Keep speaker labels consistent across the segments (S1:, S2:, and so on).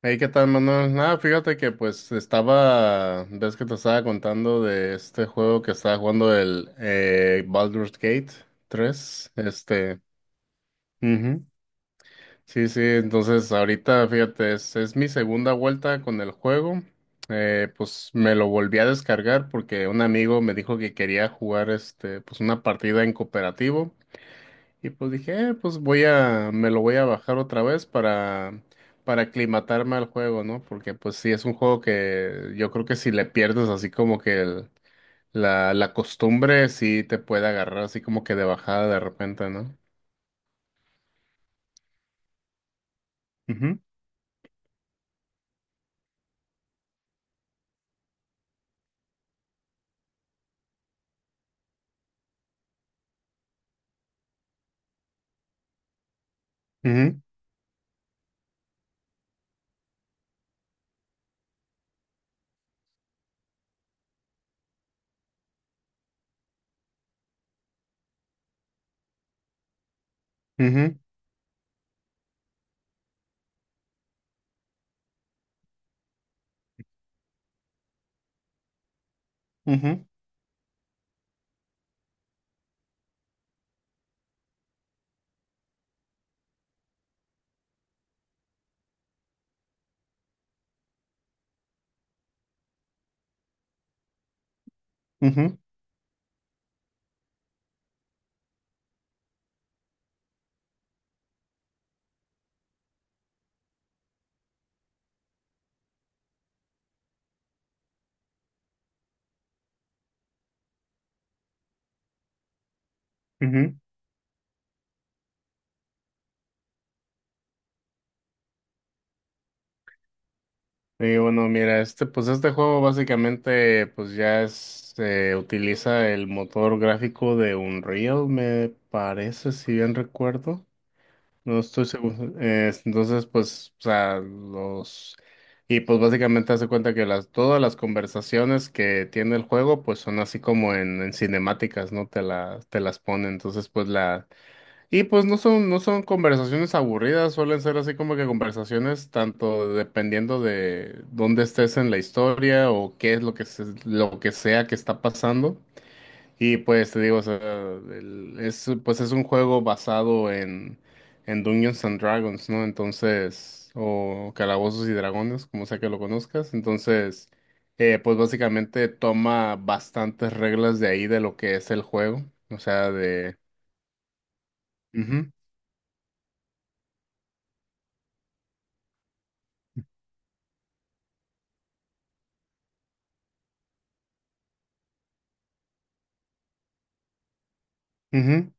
S1: Hey, ¿qué tal, Manuel? Nada, fíjate que pues estaba, ves que te estaba contando de este juego que estaba jugando el Baldur's Gate tres, ujú. Sí, sí, entonces ahorita, fíjate, es mi segunda vuelta con el juego, pues me lo volví a descargar porque un amigo me dijo que quería jugar, pues una partida en cooperativo, y pues dije, pues voy a, me lo voy a bajar otra vez para aclimatarme al juego, ¿no? Porque pues sí, es un juego que yo creo que si le pierdes así como que la costumbre, sí te puede agarrar así como que de bajada de repente, ¿no? Ujú, ujú, ujú, ujú, ujú, ujú. Y bueno, mira, pues este juego básicamente pues ya utiliza el motor gráfico de Unreal, me parece, si bien recuerdo. No estoy seguro. Entonces, pues, o sea, los. Y pues básicamente hace cuenta que todas las conversaciones que tiene el juego, pues son así como en cinemáticas, ¿no? Te las pone. Entonces, pues la. Y pues no son conversaciones aburridas, suelen ser así como que conversaciones tanto dependiendo de dónde estés en la historia o qué es lo que sea que está pasando. Y pues te digo, o sea, pues es un juego basado en Dungeons and Dragons, ¿no? Entonces, o Calabozos y Dragones, como sea que lo conozcas. Entonces, pues básicamente toma bastantes reglas de ahí de lo que es el juego. O sea, de. Ujú, ujú,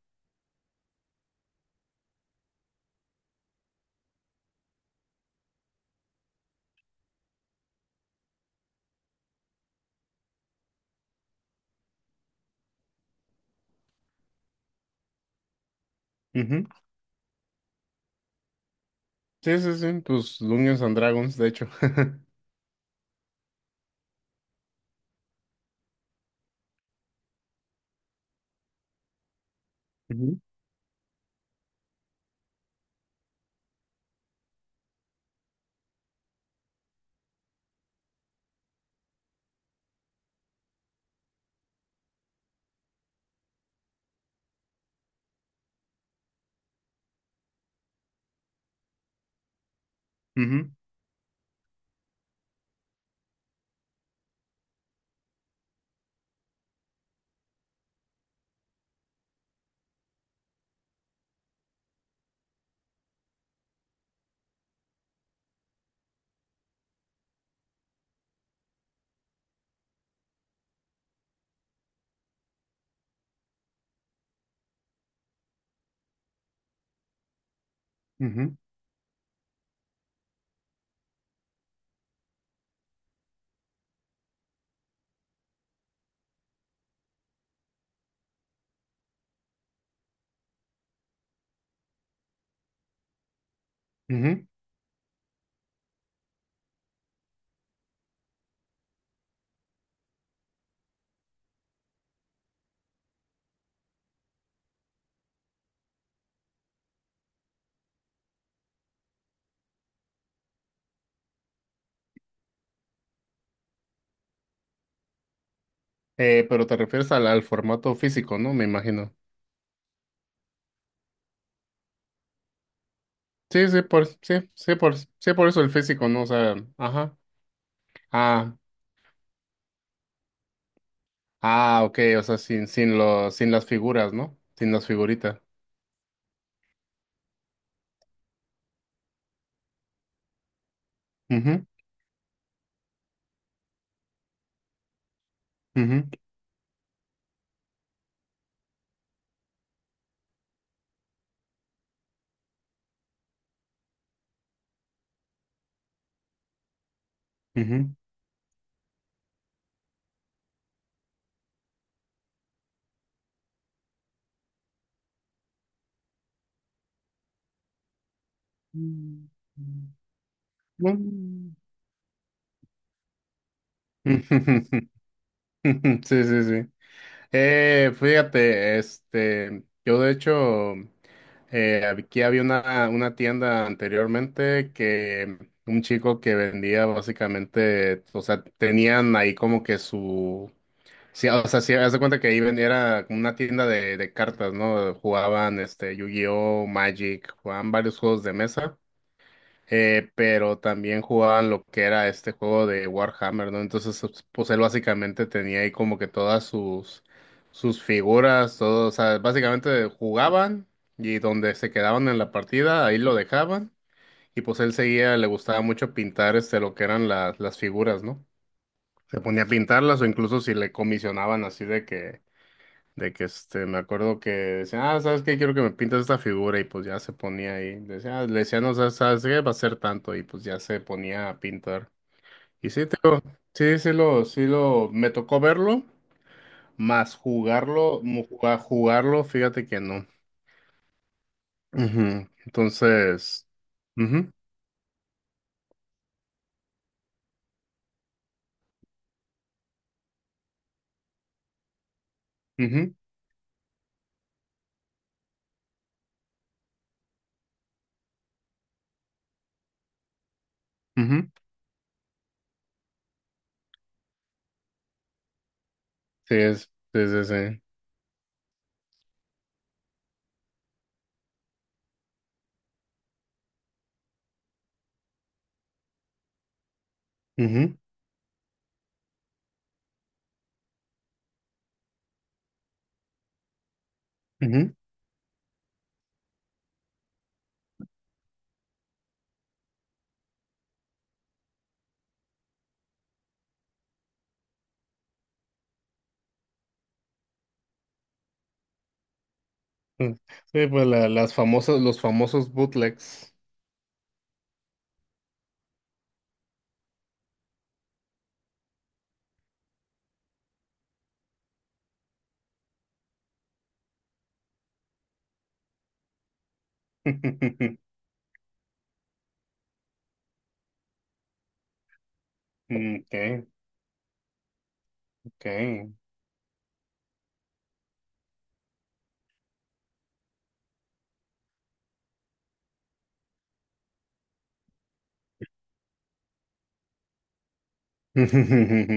S1: ujú. Sí, sí, sí, pues Dungeons and Dragons, de hecho. Ujú, ujú, ujú, ujú. Pero te refieres al, formato físico, ¿no? Me imagino. Sí, sí, por eso el físico, ¿no? O sea, ajá. Ah, ah, ok, o sea, sin las figuras, ¿no? Sin las figuritas. Ujú, ujú, ujú. Mm. Mm. Sí, sí, sí. Fíjate, yo de hecho, aquí había una tienda anteriormente que un chico que vendía básicamente, o sea, tenían ahí como que su. Sí, o sea, sí, haz de cuenta que ahí vendía era como una tienda de cartas, ¿no? Jugaban Yu-Gi-Oh, Magic, jugaban varios juegos de mesa, pero también jugaban lo que era este juego de Warhammer, ¿no? Entonces, pues, él básicamente tenía ahí como que todas sus figuras, todo, o sea, básicamente jugaban y donde se quedaban en la partida, ahí lo dejaban y pues él seguía, le gustaba mucho pintar lo que eran las figuras, ¿no? Se ponía a pintarlas o incluso si le comisionaban así de que me acuerdo que decía, ah, ¿sabes qué? Quiero que me pintes esta figura y pues ya se ponía ahí. Le decía, no, sabes qué? Va a ser tanto y pues ya se ponía a pintar. Y sí, sí lo, me tocó verlo, más jugarlo, jugarlo, fíjate que no. Ujú. Entonces, ujú, ujú, ujú. Sí, sí, sí, sí. Ujú, ujú. Sí, sí, pues los famosos bootlegs. Mm, okay, okay. Sí,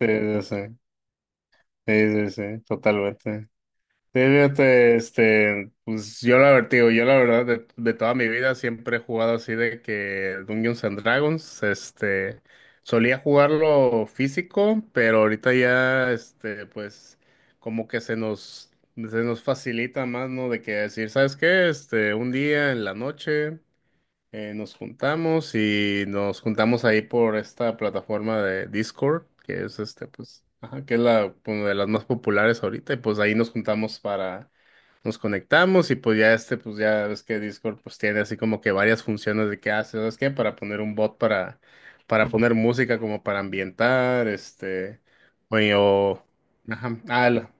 S1: sí, sí, sí, sí, sí, totalmente. Sí, fíjate, pues yo la verdad de toda mi vida siempre he jugado así de que Dungeons and Dragons, solía jugarlo físico, pero ahorita ya, pues como que se nos facilita más, ¿no? De que decir, ¿sabes qué? Un día en la noche. Nos juntamos ahí por esta plataforma de Discord, que es pues, ajá, que es una de las más populares ahorita, y pues ahí nos juntamos nos conectamos y pues ya pues ya ves que Discord pues tiene así como que varias funciones de qué hace, ¿sabes qué? Para poner un bot para poner música como para ambientar, oye, ajá, ah,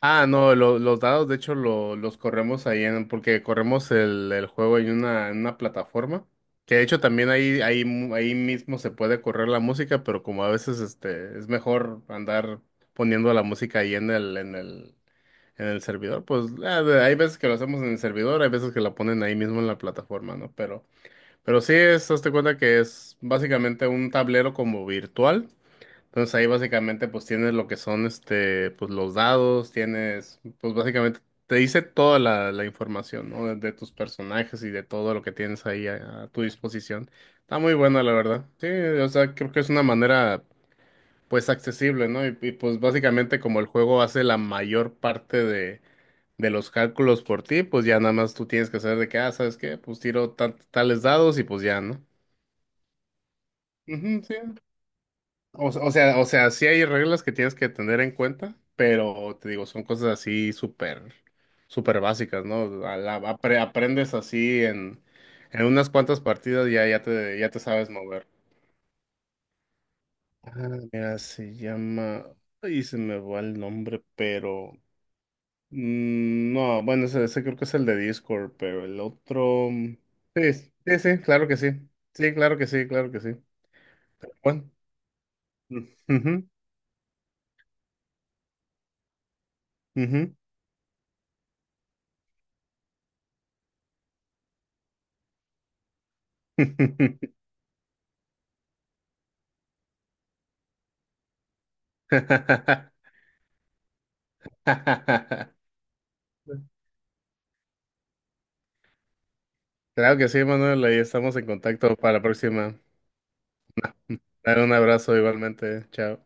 S1: Ah, no, los dados de hecho los corremos ahí porque corremos el juego en en una plataforma, que de hecho también ahí mismo se puede correr la música, pero como a veces es mejor andar poniendo la música ahí en el servidor, pues hay veces que lo hacemos en el servidor, hay veces que la ponen ahí mismo en la plataforma, ¿no? Pero sí hazte cuenta que es básicamente un tablero como virtual. Entonces ahí básicamente pues tienes lo que son pues los dados, tienes pues básicamente te dice toda la información, ¿no? De tus personajes y de todo lo que tienes ahí a tu disposición. Está muy bueno, la verdad. Sí, o sea, creo que es una manera pues accesible, ¿no? Y, pues básicamente como el juego hace la mayor parte de los cálculos por ti, pues ya nada más tú tienes que saber de qué, ah, ¿sabes qué? Pues tiro tales dados y pues ya, ¿no? Ujú, sí. O sea, sí hay reglas que tienes que tener en cuenta, pero te digo, son cosas así súper, súper básicas, ¿no? Aprendes así en unas cuantas partidas ya te sabes mover. Ah, mira, se llama. Ay, se me va el nombre, pero. No, bueno, ese creo que es el de Discord, pero el otro. Sí, sí, sí, sí, claro que sí. Sí, claro que sí, claro que sí. Bueno. Ujú, ujú. Claro que sí, Manuel, ahí estamos en contacto para la próxima. Dale un abrazo igualmente, chao.